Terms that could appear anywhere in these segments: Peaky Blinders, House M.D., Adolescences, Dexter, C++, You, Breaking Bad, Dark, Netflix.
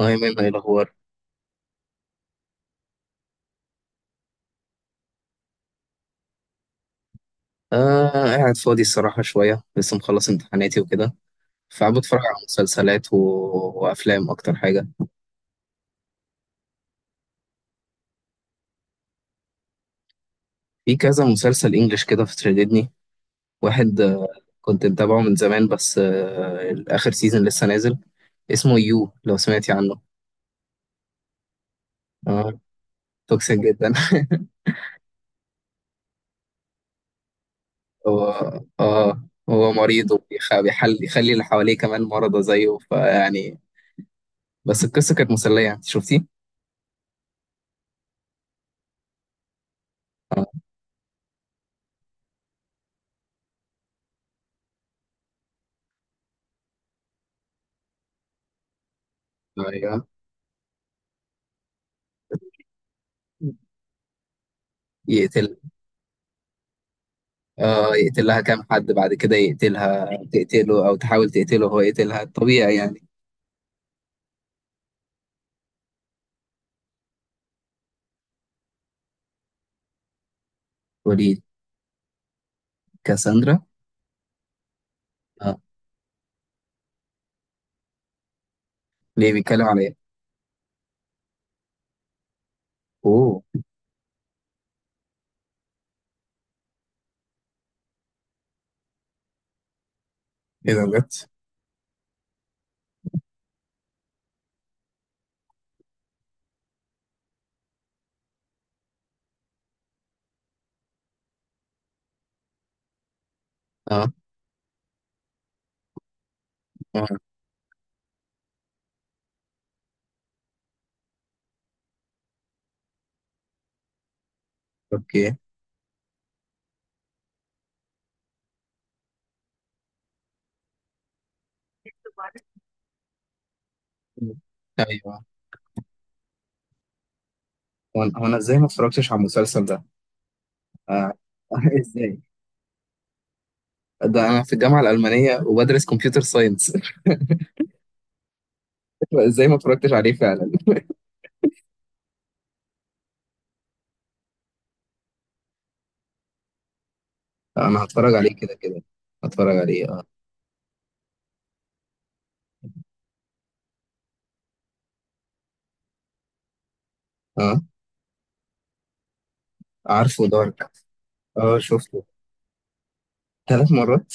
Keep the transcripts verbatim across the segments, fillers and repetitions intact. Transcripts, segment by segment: أيمن، إيه الأخبار؟ آه، قاعد فاضي الصراحة شوية، لسه مخلص امتحاناتي وكده، فقاعد بتفرج على مسلسلات و... وأفلام أكتر حاجة. في كذا مسلسل إنجليش كده، في تشددني واحد، آه كنت متابعه من زمان، بس آه آخر سيزون لسه نازل، اسمه يو، لو سمعتي عنه. آه، توكسيك جدا. هو آه هو مريض، وبيخ- بيحل يخلي اللي حواليه كمان مرضى زيه فيعني، بس القصة كانت مسلية، أنت شفتيه؟ آه، أيوه، يقتل اه يقتل لها كام حد بعد كده يقتلها، تقتله او تحاول تقتله، هو يقتلها الطبيعي يعني. وليد، كاساندرا، اه ليه؟ بيتكلم على ايه؟ اوه. ايه ده بجد؟ اه، اه، اوكي، ايوه. هو أنا هو انا ازاي ما اتفرجتش على المسلسل ده؟ آه. ازاي؟ ده انا في الجامعه الالمانيه وبدرس كمبيوتر ساينس. ازاي ما اتفرجتش عليه فعلا؟ آه، انا هتفرج عليه كده كده، هتفرج عليه اه. اه، عارفه دارك، اه شفته. ثلاث مرات؟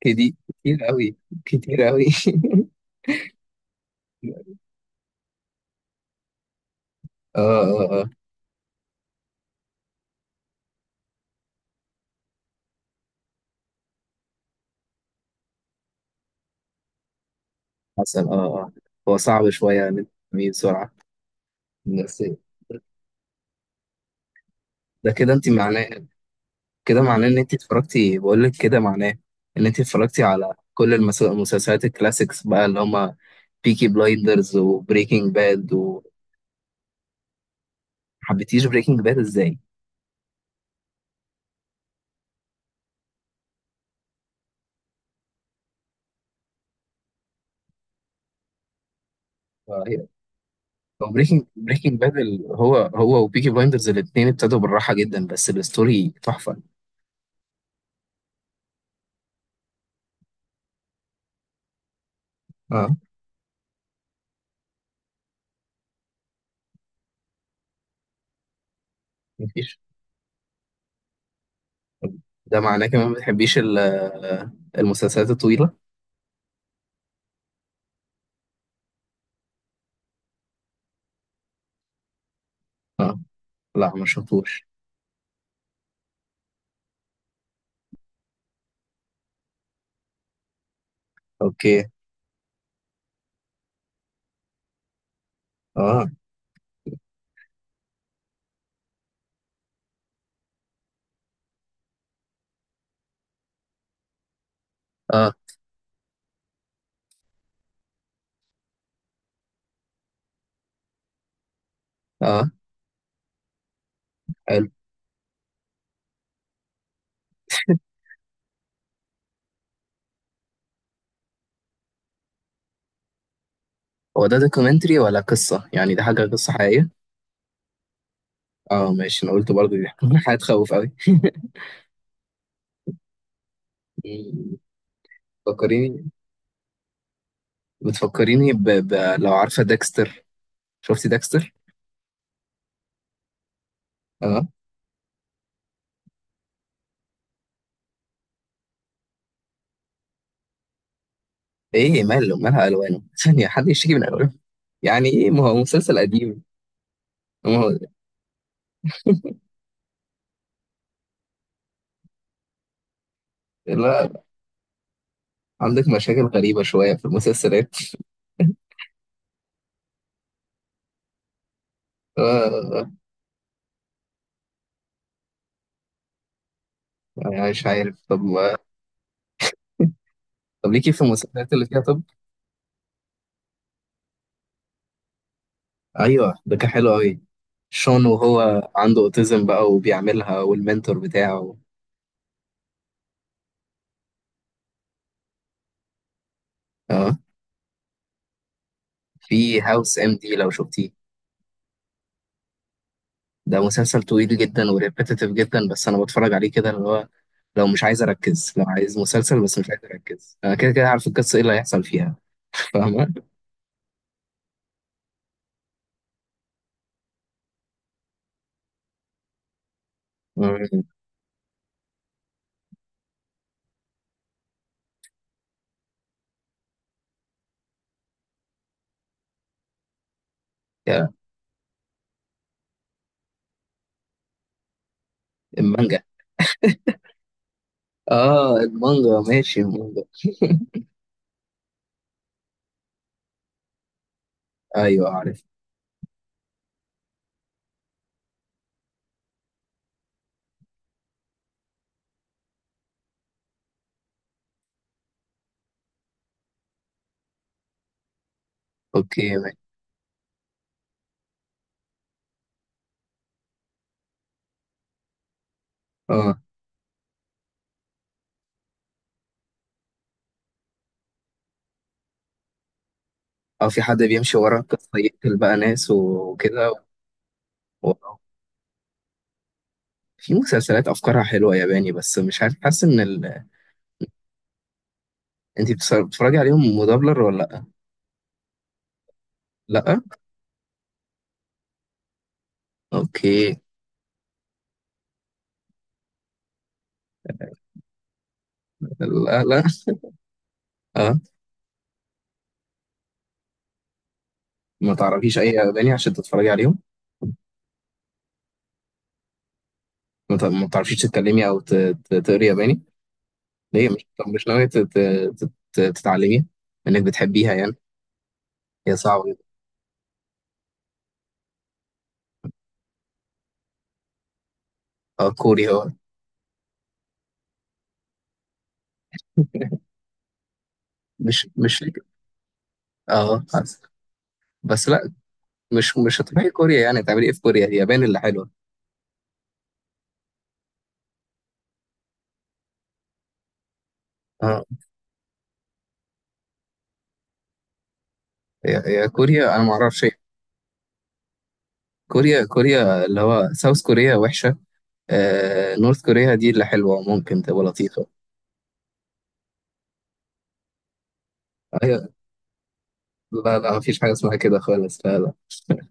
كدي كتير قوي، كتير قوي. اه، اه، اه، آه. حسن، اه، اه. هو صعب شوية ان انت تفهميه بسرعة، بس. ده كده انت معناه، كده معناه ان انت اتفرجتي، بقول لك كده معناه ان انت اتفرجتي على كل المس- المسلسلات الكلاسيكس بقى، اللي هما بيكي بلايندرز وبريكنج باد. وحبيتيش بريكنج باد ازاي؟ آه، هي- هو بريكنج بريكنج باد ال- هو هو وبيكي بلايندرز، الاتنين ابتدوا بالراحة جدا، بس الستوري تحفة. اه، مفيش. ده معناه كمان ما بتحبيش ال- المسلسلات الطويلة؟ اه، لا ما شفتوش. اوكي، اه، اه، اه، حلو. هو ده دوكيومنتري ولا قصة؟ يعني ده حاجة قصة حقيقية؟ اه ماشي، انا قلت برضه دي. حاجة تخوف قوي. بتفكريني بتفكريني ب... ب... لو عارفة ديكستر، شفتي ديكستر. اه، ايه ماله مالها الوانه؟ ثانية، حد يشتكي من الوانه؟ يعني ايه؟ ما هو مسلسل قديم، ما هو لا. عندك مشاكل غريبة شوية في المسلسلات، آه، آه، آه، يعني مش عارف، طب طب ليكي في المسلسلات اللي فيها طب؟ ايوه، ده كان حلو قوي، شون وهو عنده اوتيزم بقى وبيعملها والمنتور بتاعه. اه، في هاوس ام دي، لو شفتيه. ده مسلسل طويل جدا وريبيتيتيف جدا، بس انا بتفرج عليه كده اللي هو، لو مش عايز اركز، لو عايز مسلسل بس مش عايز اركز، انا كده كده عارف القصه ايه اللي هيحصل فيها، فاهمه. مم. يا، المانجا، اه المانجا، ماشي المانجا، ايوه عارف، اوكي ماشي، اه، اه. في حد بيمشي ورا قصه يقتل بقى ناس وكده و... في مسلسلات افكارها حلوه ياباني، بس مش عارف، حاسس ان ال... انت بتتفرجي عليهم مدبلر ولا؟ لا، لا، اوكي، لا، لا. اه، ما تعرفيش اي ياباني عشان تتفرجي عليهم؟ ما ت- ما تعرفيش تتكلمي او ت- ت- تقري ياباني؟ ليه؟ مش، طب مش ناويه تت- تت- تتعلمي؟ انك بتحبيها يعني. هي صعبه جدا. اه، كوري هو. مش مش لك. اه بس، بس لا، مش مش هتروحي كوريا، يعني هتعملي ايه في كوريا؟ هي يابان اللي حلوه. اه، هي هي كوريا، انا ما اعرفش إيه. كوريا، كوريا اللي هو ساوث كوريا وحشه، آه، نورث كوريا دي اللي حلوه، ممكن تبقى لطيفه. أيوة. لا، لا، مفيش حاجة اسمها كده خالص، لا، لا.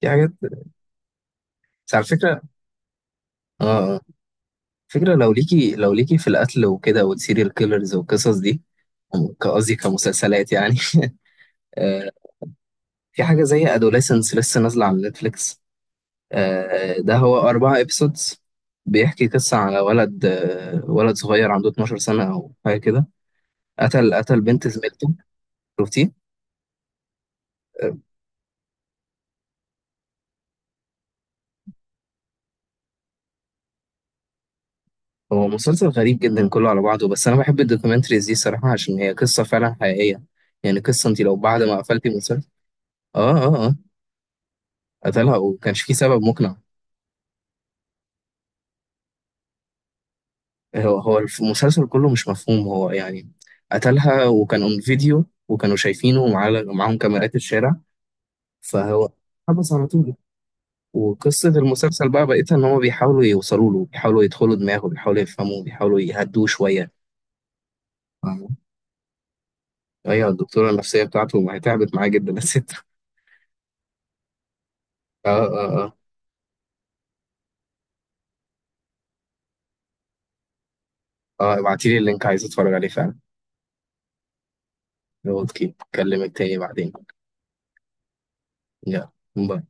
في حاجات. بس على فكرة، اه اه فكرة، لو ليكي لو ليكي في القتل وكده، والسيريال كيلرز والقصص دي، ك- قصدي كمسلسلات يعني. آه. في حاجة زي أدوليسنس لسه نازلة على نتفليكس، آه ده هو أربع إبسودز، بيحكي قصة على ولد آه ولد صغير عنده 12 سنة أو حاجة كده، قتل قتل بنت زميلته، شفتيه؟ هو مسلسل غريب جدا كله على بعضه، بس انا بحب الدوكيومنتريز دي صراحة، عشان هي قصة فعلا حقيقية، يعني قصة انت لو بعد ما قفلتي المسلسل، اه، اه، اه، قتلها وكانش فيه سبب مقنع. هو هو المسلسل كله مش مفهوم، هو يعني، قتلها وكان اون فيديو وكانوا شايفينه، ومعاه معاهم كاميرات الشارع، فهو حبس على طول. وقصة المسلسل بقى بقيتها، ان هما بيحاولوا يوصلوا له، بيحاولوا يدخلوا دماغه، بيحاولوا يفهموه، بيحاولوا يهدوه شوية، فاهمة؟ ايوه، الدكتورة النفسية بتاعته، ما هي تعبت معاه جدا الست. اه، اه، آه. اه، ابعتيلي اللينك، عايز اتفرج عليه فعلا. نقعد كده، اكلمك تاني بعدين، يلا، باي.